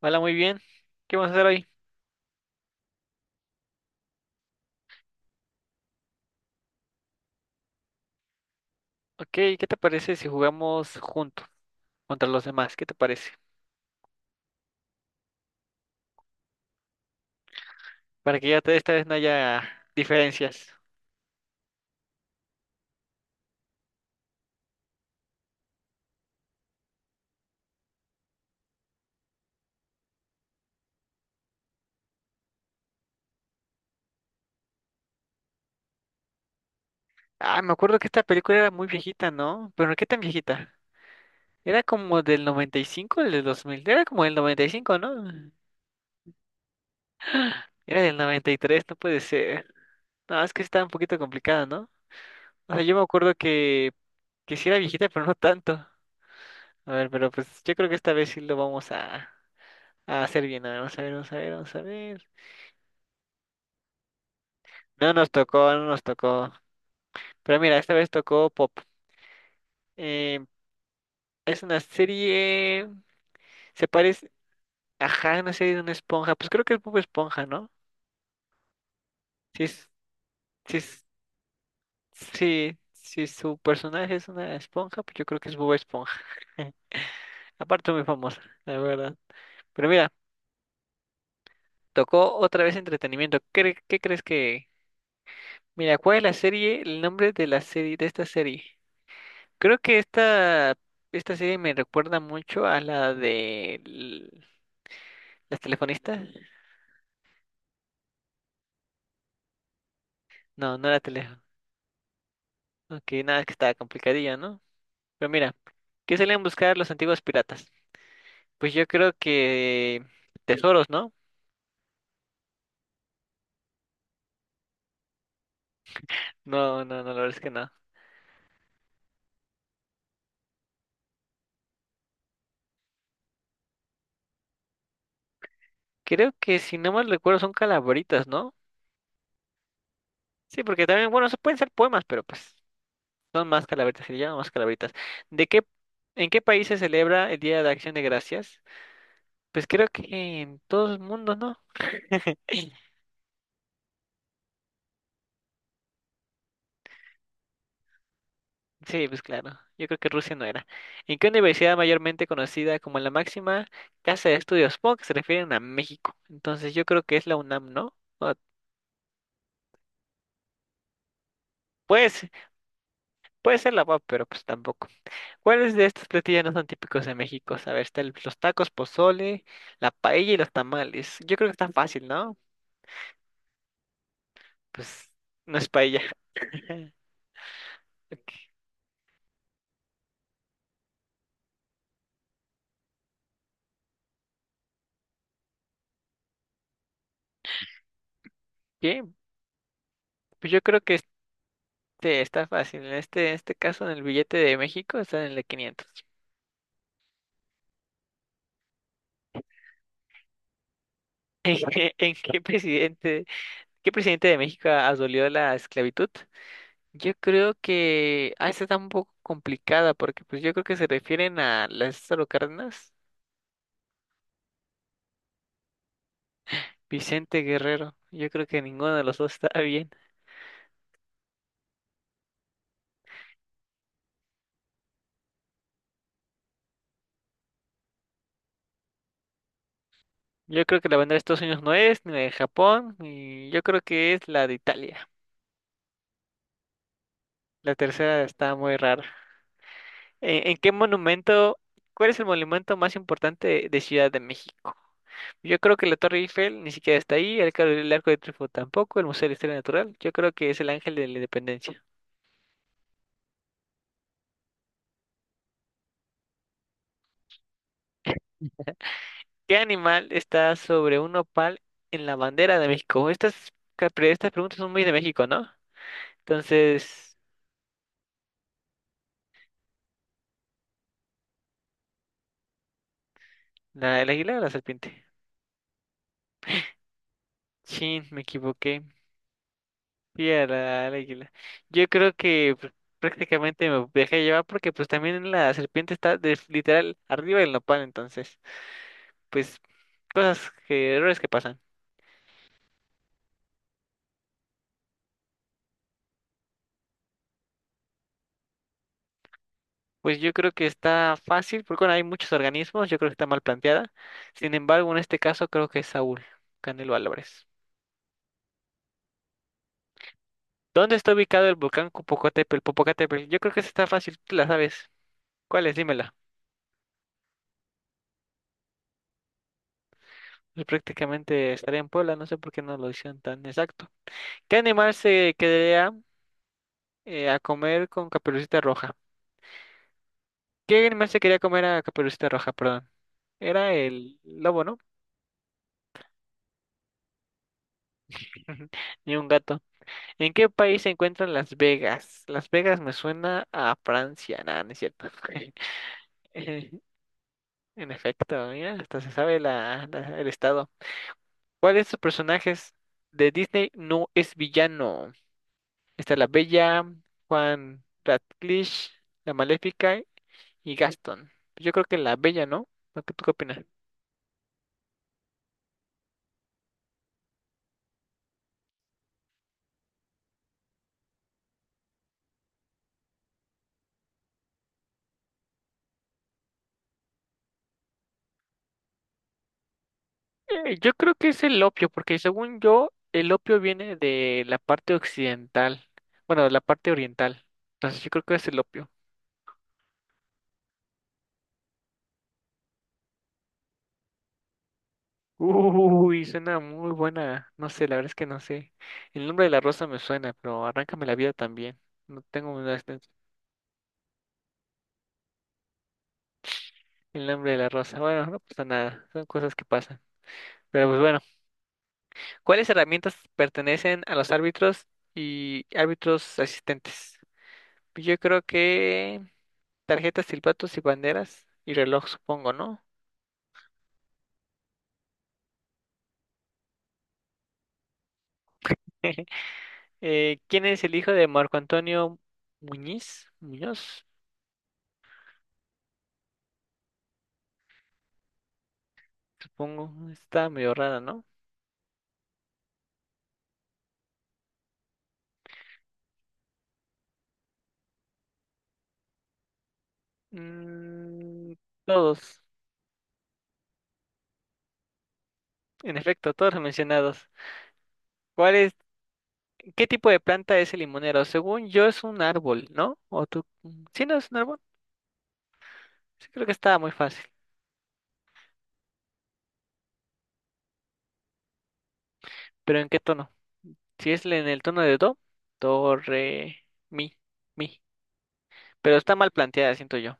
Hola, muy bien. ¿Qué vamos a hacer hoy? Ok, ¿qué te parece si jugamos juntos contra los demás? ¿Qué te parece? Para que ya esta vez no haya diferencias. Ah, me acuerdo que esta película era muy viejita, ¿no? Pero ¿qué tan viejita? Era como del 95 del dos mil. Era como del noventa y cinco, ¿no? Era del noventa y tres, no puede ser. No, es que está un poquito complicada, ¿no? O sea, yo me acuerdo que sí era viejita, pero no tanto. A ver, pero pues yo creo que esta vez sí lo vamos a hacer bien. A ver, vamos a ver, vamos a ver, vamos a ver. No nos tocó, no nos tocó. Pero mira, esta vez tocó Pop. Eh, es una serie. Se parece. Ajá, una serie de una esponja. Pues creo que es Pop Esponja, ¿no? Si es, si es- si su personaje es una esponja, pues yo creo que es Bob Esponja. Aparte, muy famosa, la verdad. Pero mira, tocó otra vez entretenimiento. ¿Qué crees que? Mira, ¿cuál es la serie? El nombre de la serie, de esta serie. Creo que esta. Esta serie me recuerda mucho a la de. ¿Las telefonistas? No, no era teléfono. Ok, nada, que estaba complicadilla, ¿no? Pero mira, ¿qué salían a buscar los antiguos piratas? Pues yo creo que tesoros, ¿no? No, no, no, la verdad es que no. Creo que, si no mal recuerdo, son calaveritas, ¿no? Sí, porque también, bueno, eso pueden ser poemas, pero pues son más calaveritas, se le llaman más calaveritas. ¿De qué, en qué país se celebra el Día de Acción de Gracias? Pues creo que en todo el mundo, ¿no? Sí, pues claro. Yo creo que Rusia no era. ¿En qué universidad mayormente conocida como la máxima casa de estudios? Supongo que se refieren a México. Entonces yo creo que es la UNAM, ¿no? Pues, puede ser la UAP, pero pues tampoco. ¿Cuáles de estos platillos no son típicos de México? A ver, están los tacos, pozole, la paella y los tamales. Yo creo que está fácil, ¿no? Pues no es paella. ¿Qué? Pues yo creo que este está fácil. En este caso, en el billete de México, está en el de 500. ¿En qué presidente? ¿Qué presidente de México abolió la esclavitud? Yo creo que... Ah, esta está un poco complicada porque pues yo creo que se refieren a Lázaro Cárdenas, Vicente Guerrero. Yo creo que ninguno de los dos está bien. Yo creo que la bandera de Estados Unidos no es, ni la de Japón, y yo creo que es la de Italia. La tercera está muy rara. ¿En qué monumento, ¿cuál es el monumento más importante de Ciudad de México? Yo creo que la Torre Eiffel ni siquiera está ahí, el Arco de Triunfo tampoco, el Museo de Historia Natural. Yo creo que es el Ángel de la Independencia. ¿Qué animal está sobre un nopal en la bandera de México? Estas preguntas son muy de México, ¿no? Entonces, ¿el águila o la serpiente? Chin, me equivoqué. Sí, al águila. Yo creo que prácticamente me dejé llevar porque pues también la serpiente está literal arriba del nopal, entonces, pues cosas que, errores que pasan. Pues yo creo que está fácil, porque bueno, hay muchos organismos, yo creo que está mal planteada. Sin embargo, en este caso creo que es Saúl, Canelo Álvarez. ¿Dónde está ubicado el volcán Popocatépetl? Popocatépetl. Yo creo que esa está fácil, tú la sabes. ¿Cuál es? Dímela. Pues prácticamente estaría en Puebla, no sé por qué no lo hicieron tan exacto. ¿Qué animal se quedaría, a comer con Caperucita Roja? ¿Qué animal se quería comer a Caperucita Roja? Perdón. Era el lobo, ¿no? Ni un gato. ¿En qué país se encuentran Las Vegas? Las Vegas me suena a Francia. Nada, no es cierto. Eh, En efecto, mira, hasta se sabe el estado. ¿Cuál de estos personajes de Disney no es villano? Está la Bella, Juan Ratcliffe, la Maléfica y Gaston. Yo creo que la Bella, ¿no? ¿No? ¿Tú qué opinas? Yo creo que es el opio, porque según yo, el opio viene de la parte occidental, bueno, de la parte oriental. Entonces yo creo que es el opio. Uy, suena muy buena. No sé, la verdad es que no sé. El nombre de la rosa me suena, pero Arráncame la vida también. No tengo nada el nombre de la rosa. Bueno, no pasa nada. Son cosas que pasan. Pero pues bueno, ¿cuáles herramientas pertenecen a los árbitros y árbitros asistentes? Yo creo que tarjetas, silbatos y banderas y reloj, supongo, ¿no? ¿Quién es el hijo de Marco Antonio Muñiz? Muñoz, supongo. Está medio rara, ¿no? Mm, todos, en efecto, todos los mencionados. ¿Cuál es, qué tipo de planta es el limonero? Según yo es un árbol, ¿no? ¿O tú? Sí, no es un árbol. Sí, creo que estaba muy fácil. ¿Pero en qué tono? Si es en el tono de do, do, re, mi, mi. Pero está mal planteada, siento yo.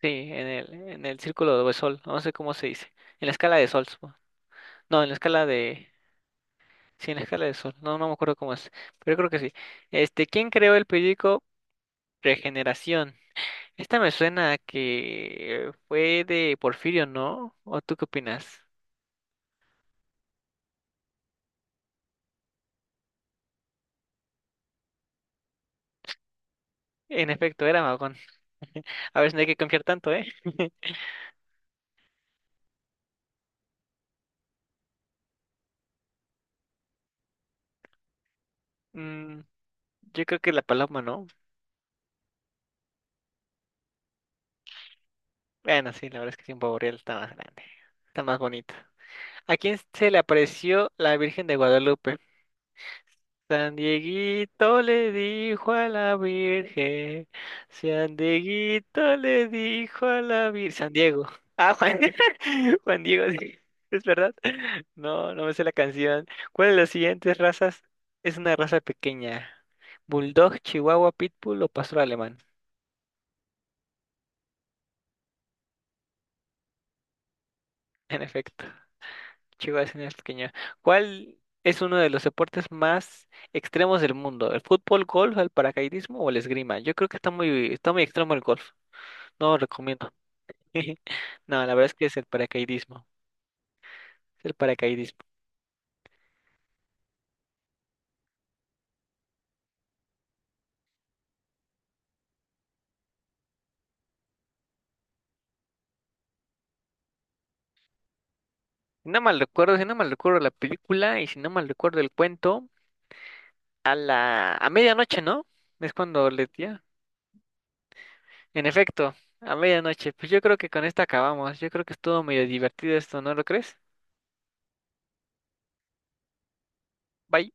Sí, en el círculo de sol, no sé cómo se dice, en la escala de sol, supongo. No, en la escala de, sí, en la escala de sol, no, no me acuerdo cómo es, pero creo que sí. ¿Quién creó el periódico Regeneración? Esta me suena a que fue de Porfirio, ¿no? ¿O tú qué opinas? En efecto, era Magón. A ver, no hay que confiar tanto, ¿eh? Mm, yo creo que la paloma, ¿no? Bueno, sí, la verdad es que sí, un pavo real está más grande, está más bonito. ¿A quién se le apareció la Virgen de Guadalupe? San Dieguito le dijo a la Virgen. San Dieguito le dijo a la Virgen. San Diego. Ah, Juan, Juan Diego, sí. ¿Es verdad? No, no me sé la canción. ¿Cuál de las siguientes razas es una raza pequeña? ¿Bulldog, Chihuahua, Pitbull o Pastor Alemán? En efecto, Chihuahua es una raza pequeña. ¿Cuál es uno de los deportes más extremos del mundo? ¿El fútbol, golf, el paracaidismo o el esgrima? Yo creo que está muy extremo el golf. No recomiendo. No, la verdad es que es el paracaidismo. Es el paracaidismo. Si no mal recuerdo la película y si no mal recuerdo el cuento, a medianoche, ¿no? Es cuando le tía. En efecto, a medianoche. Pues yo creo que con esto acabamos. Yo creo que estuvo medio divertido esto, ¿no lo crees? Bye.